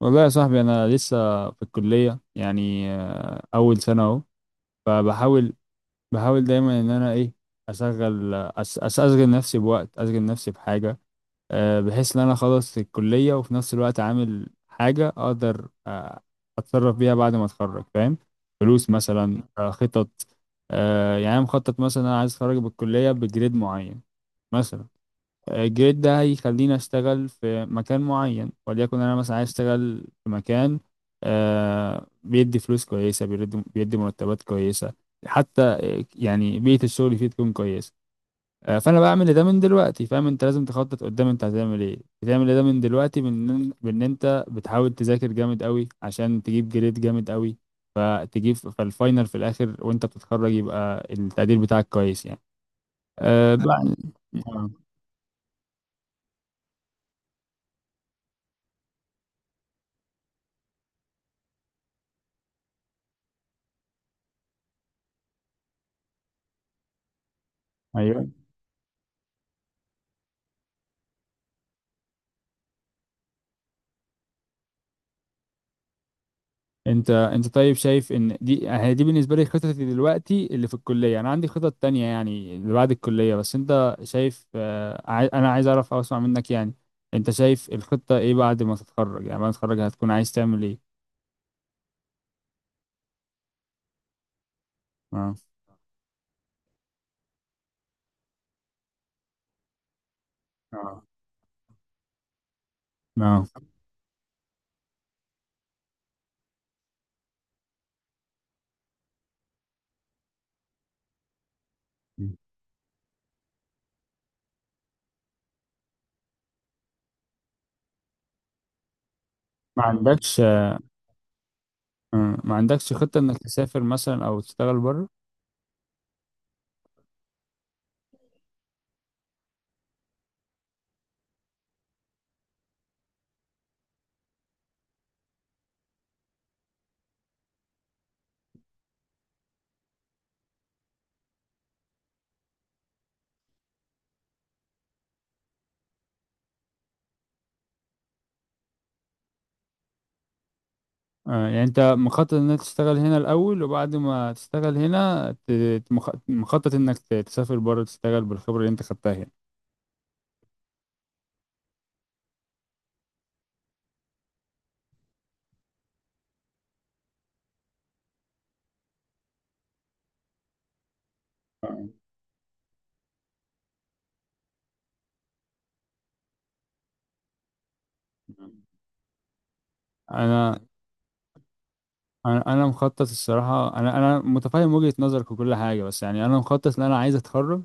والله يا صاحبي انا لسه في الكليه، يعني اول سنه اهو. فبحاول بحاول دايما ان انا ايه اشغل اشغل نفسي بوقت، اشغل نفسي بحاجه، بحيث ان انا خلصت الكليه وفي نفس الوقت عامل حاجه اقدر اتصرف بيها بعد ما اتخرج، فاهم؟ فلوس مثلا، خطط. يعني أنا مخطط، مثلا انا عايز اتخرج بالكليه بجريد معين مثلا. الجريد ده هيخليني اشتغل في مكان معين، وليكن انا مثلا عايز اشتغل في مكان بيدي فلوس كويسه، بيدي مرتبات كويسه، حتى يعني بيئه الشغل فيه تكون كويسه. فانا بعمل ده من دلوقتي. فاهم؟ انت لازم تخطط قدام انت هتعمل ايه، بتعمل ده من دلوقتي، بان انت بتحاول تذاكر جامد قوي عشان تجيب جريد جامد قوي، فتجيب فالفاينل في الاخر وانت بتتخرج يبقى التقدير بتاعك كويس يعني. بقى آه، ايوه. انت طيب، شايف ان دي هي دي بالنسبه لي خطتي دلوقتي اللي في الكليه. انا عندي خطط تانية يعني اللي بعد الكليه، بس انت شايف انا عايز اعرف او اسمع منك يعني، انت شايف الخطه ايه بعد ما تتخرج؟ يعني بعد ما تتخرج هتكون عايز تعمل ايه؟ اه، اه، اه. ما عندكش ما عندكش خطه انك تسافر مثلا او تشتغل بره؟ يعني انت مخطط انك تشتغل هنا الاول، وبعد ما تشتغل هنا مخطط انك تسافر بره تشتغل بالخبره اللي انت خدتها هنا. انا انا أنا مخطط الصراحه، انا متفهم وجهه نظرك وكل حاجه، بس يعني انا مخطط ان انا عايز اتخرج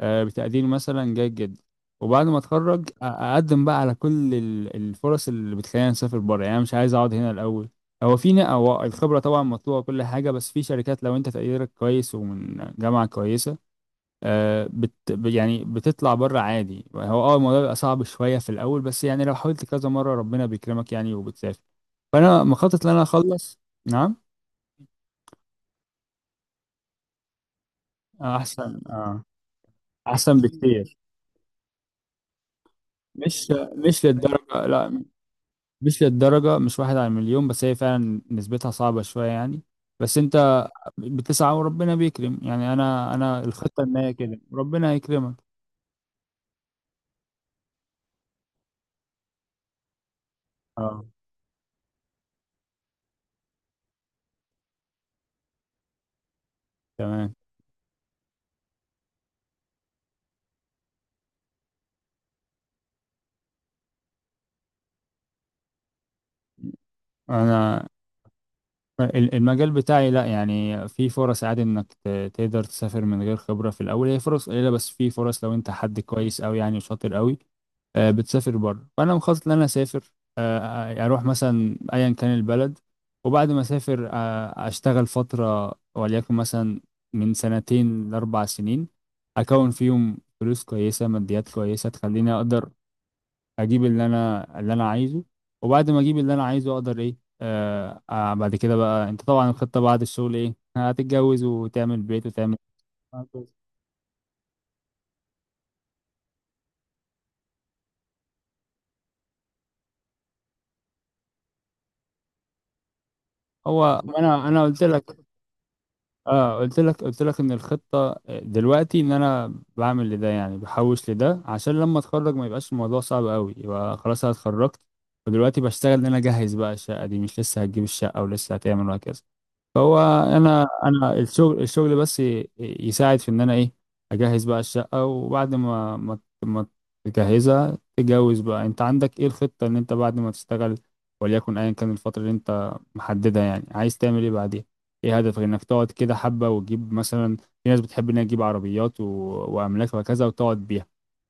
بتقدير مثلا جيد جدا، وبعد ما اتخرج اقدم بقى على كل الفرص اللي بتخليني اسافر بره. يعني أنا مش عايز اقعد هنا الاول. هو الخبره طبعا مطلوبه وكل حاجه، بس في شركات لو انت تقديرك كويس ومن جامعه كويسه يعني بتطلع بره عادي. هو اه الموضوع بيبقى صعب شوية في الأول، بس يعني لو حاولت كذا مرة ربنا بيكرمك يعني، وبتسافر. فأنا مخطط إن أنا أخلص. نعم. أحسن أحسن بكتير. مش للدرجة لا، مش للدرجة مش واحد على المليون، بس هي فعلا نسبتها صعبة شوية يعني، بس أنت بتسعى وربنا بيكرم يعني. أنا الخطة إن هي كده ربنا يكرمك. اه. تمام. أنا المجال بتاعي لا، يعني في فرص عادي انك تقدر تسافر من غير خبرة في الاول. هي فرص قليلة بس في فرص، لو انت حد كويس قوي يعني وشاطر قوي بتسافر بره. فانا مخطط ان انا اسافر، اروح مثلا ايا كان البلد. وبعد ما اسافر اشتغل فتره وليكن مثلا من 2 سنين لاربع سنين، اكون فيهم فلوس كويسه، ماديات كويسه تخليني اقدر اجيب اللي انا عايزه. وبعد ما اجيب اللي انا عايزه اقدر ايه؟ بعد كده بقى، انت طبعا الخطة بعد الشغل ايه؟ هتتجوز وتعمل بيت وتعمل. هو ما انا قلت لك. اه، قلت لك ان الخطة دلوقتي ان انا بعمل لده، يعني بحوش لده عشان لما اتخرج ما يبقاش الموضوع صعب قوي، يبقى خلاص انا اتخرجت ودلوقتي بشتغل ان انا اجهز بقى الشقة دي، مش لسه هتجيب الشقة ولسه هتعمل وهكذا. فهو انا الشغل بس يساعد في ان انا ايه اجهز بقى الشقه، وبعد ما تجهزها تتجوز. بقى انت عندك ايه الخطه ان انت بعد ما تشتغل، وليكن ايا كان الفتره اللي انت محددها، يعني عايز تعمل ايه بعديها؟ ايه هدفك؟ انك تقعد كده حبه وتجيب، مثلا في ناس بتحب انها تجيب عربيات و... واملاك وهكذا وتقعد بيها،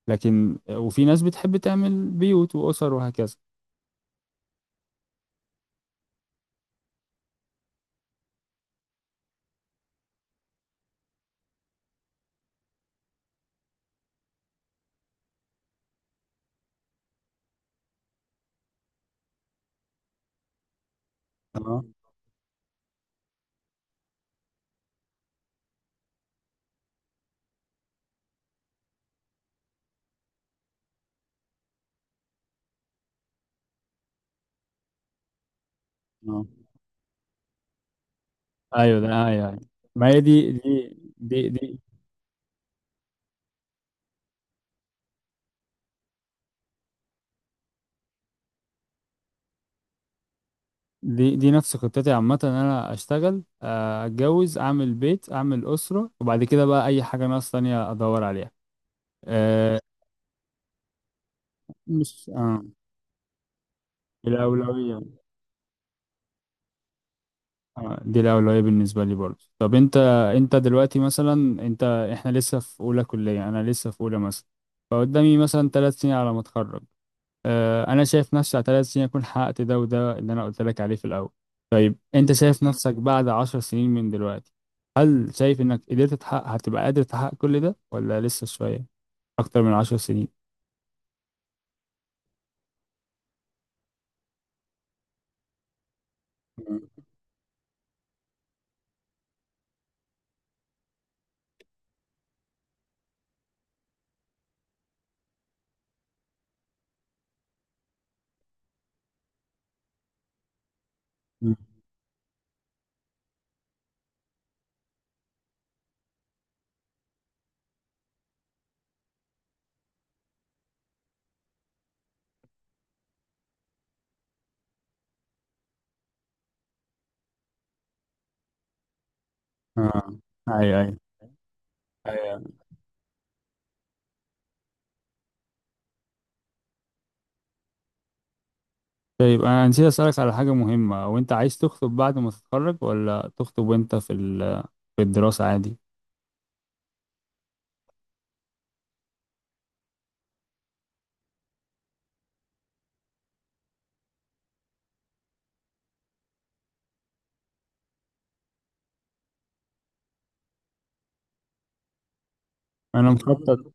لكن وفي ناس بتحب تعمل بيوت واسر وهكذا. تمام؟ اه. ايوه. ده ايوه، أيوة. ما هي دي، دي دي دي نفس خطتي عامة، ان انا اشتغل اتجوز، اعمل بيت اعمل اسرة، وبعد كده بقى اي حاجة ناقص تانية ادور عليها. آه، مش الاولوية. دي الاولوية بالنسبة لي برضه. طب انت، دلوقتي مثلا، انت احنا لسه في اولى كلية، انا لسه في اولى مثلا، فقدامي مثلا 3 سنين على ما اتخرج. انا شايف نفسي على 3 سنين اكون حققت ده، وده اللي انا قلت لك عليه في الاول. طيب انت شايف نفسك بعد 10 سنين من دلوقتي؟ هل شايف انك قدرت تحقق، هتبقى قادر تحقق كل ده، ولا لسه شوية اكتر من 10 سنين؟ مم. مم. اه. ايوه، ايوه، ايوه. طيب، انا نسيت اسالك على حاجة مهمة. وانت عايز تخطب بعد ما تتخرج، ولا تخطب وانت في في الدراسة عادي؟ انا مخطط.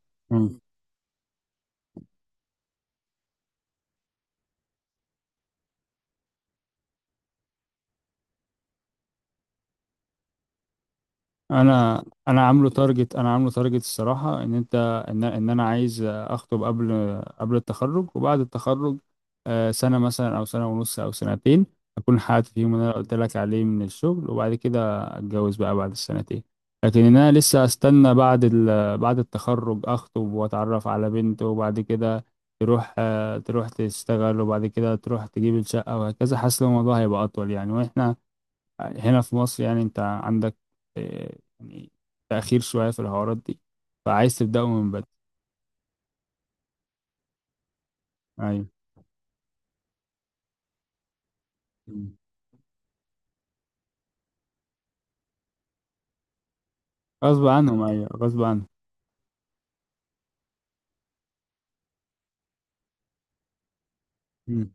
انا عامله تارجت الصراحه، ان انت، ان ان انا عايز اخطب قبل التخرج، وبعد التخرج سنه مثلا او سنه ونص او سنتين اكون حققت فيهم اللي انا قلت لك عليه من الشغل، وبعد كده اتجوز بقى بعد ال2 سنين. لكن ان انا لسه استنى بعد بعد التخرج اخطب واتعرف على بنت، وبعد كده تروح تروح تشتغل، وبعد كده تروح تجيب الشقه وهكذا، حاسس إن الموضوع هيبقى اطول يعني. واحنا هنا في مصر، يعني انت عندك يعني تأخير شوية في الحوارات دي، فعايز تبدأه من بدري. ايوه. مم. غصب عنهم، ايوه، غصب عنهم. مم.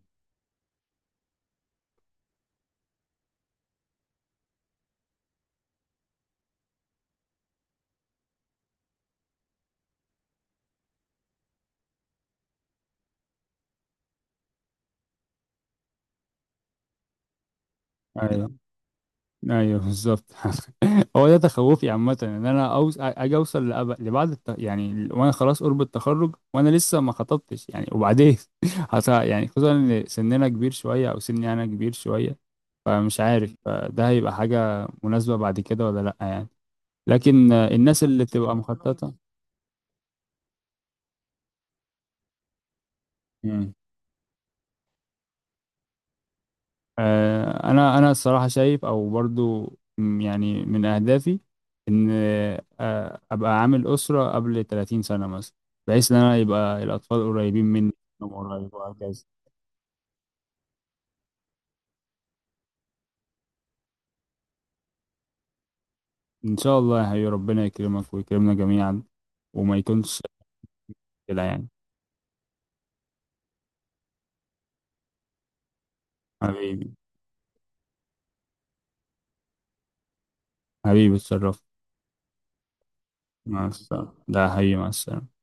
ايوه، ايوه، بالظبط. هو ده تخوفي عامة، ان انا اجي اوصل يعني وانا خلاص قرب التخرج وانا لسه ما خطبتش يعني، وبعدين يعني خصوصا ان سننا كبير شوية او سني انا كبير شوية، فمش عارف ده هيبقى حاجة مناسبة بعد كده ولا لأ يعني. لكن الناس اللي تبقى مخططة. مم. انا الصراحه شايف او برضو، يعني من اهدافي ان ابقى عامل اسره قبل 30 سنه مثلا، بحيث ان انا يبقى الاطفال قريبين مني، منهم قريب وهكذا. ان شاء الله، يا ربنا يكرمك ويكرمنا جميعا، وما يكونش كده يعني. حبيبي. حبيبي، اتشرفت. مع السلامه، ده حقيقي، مع السلامه.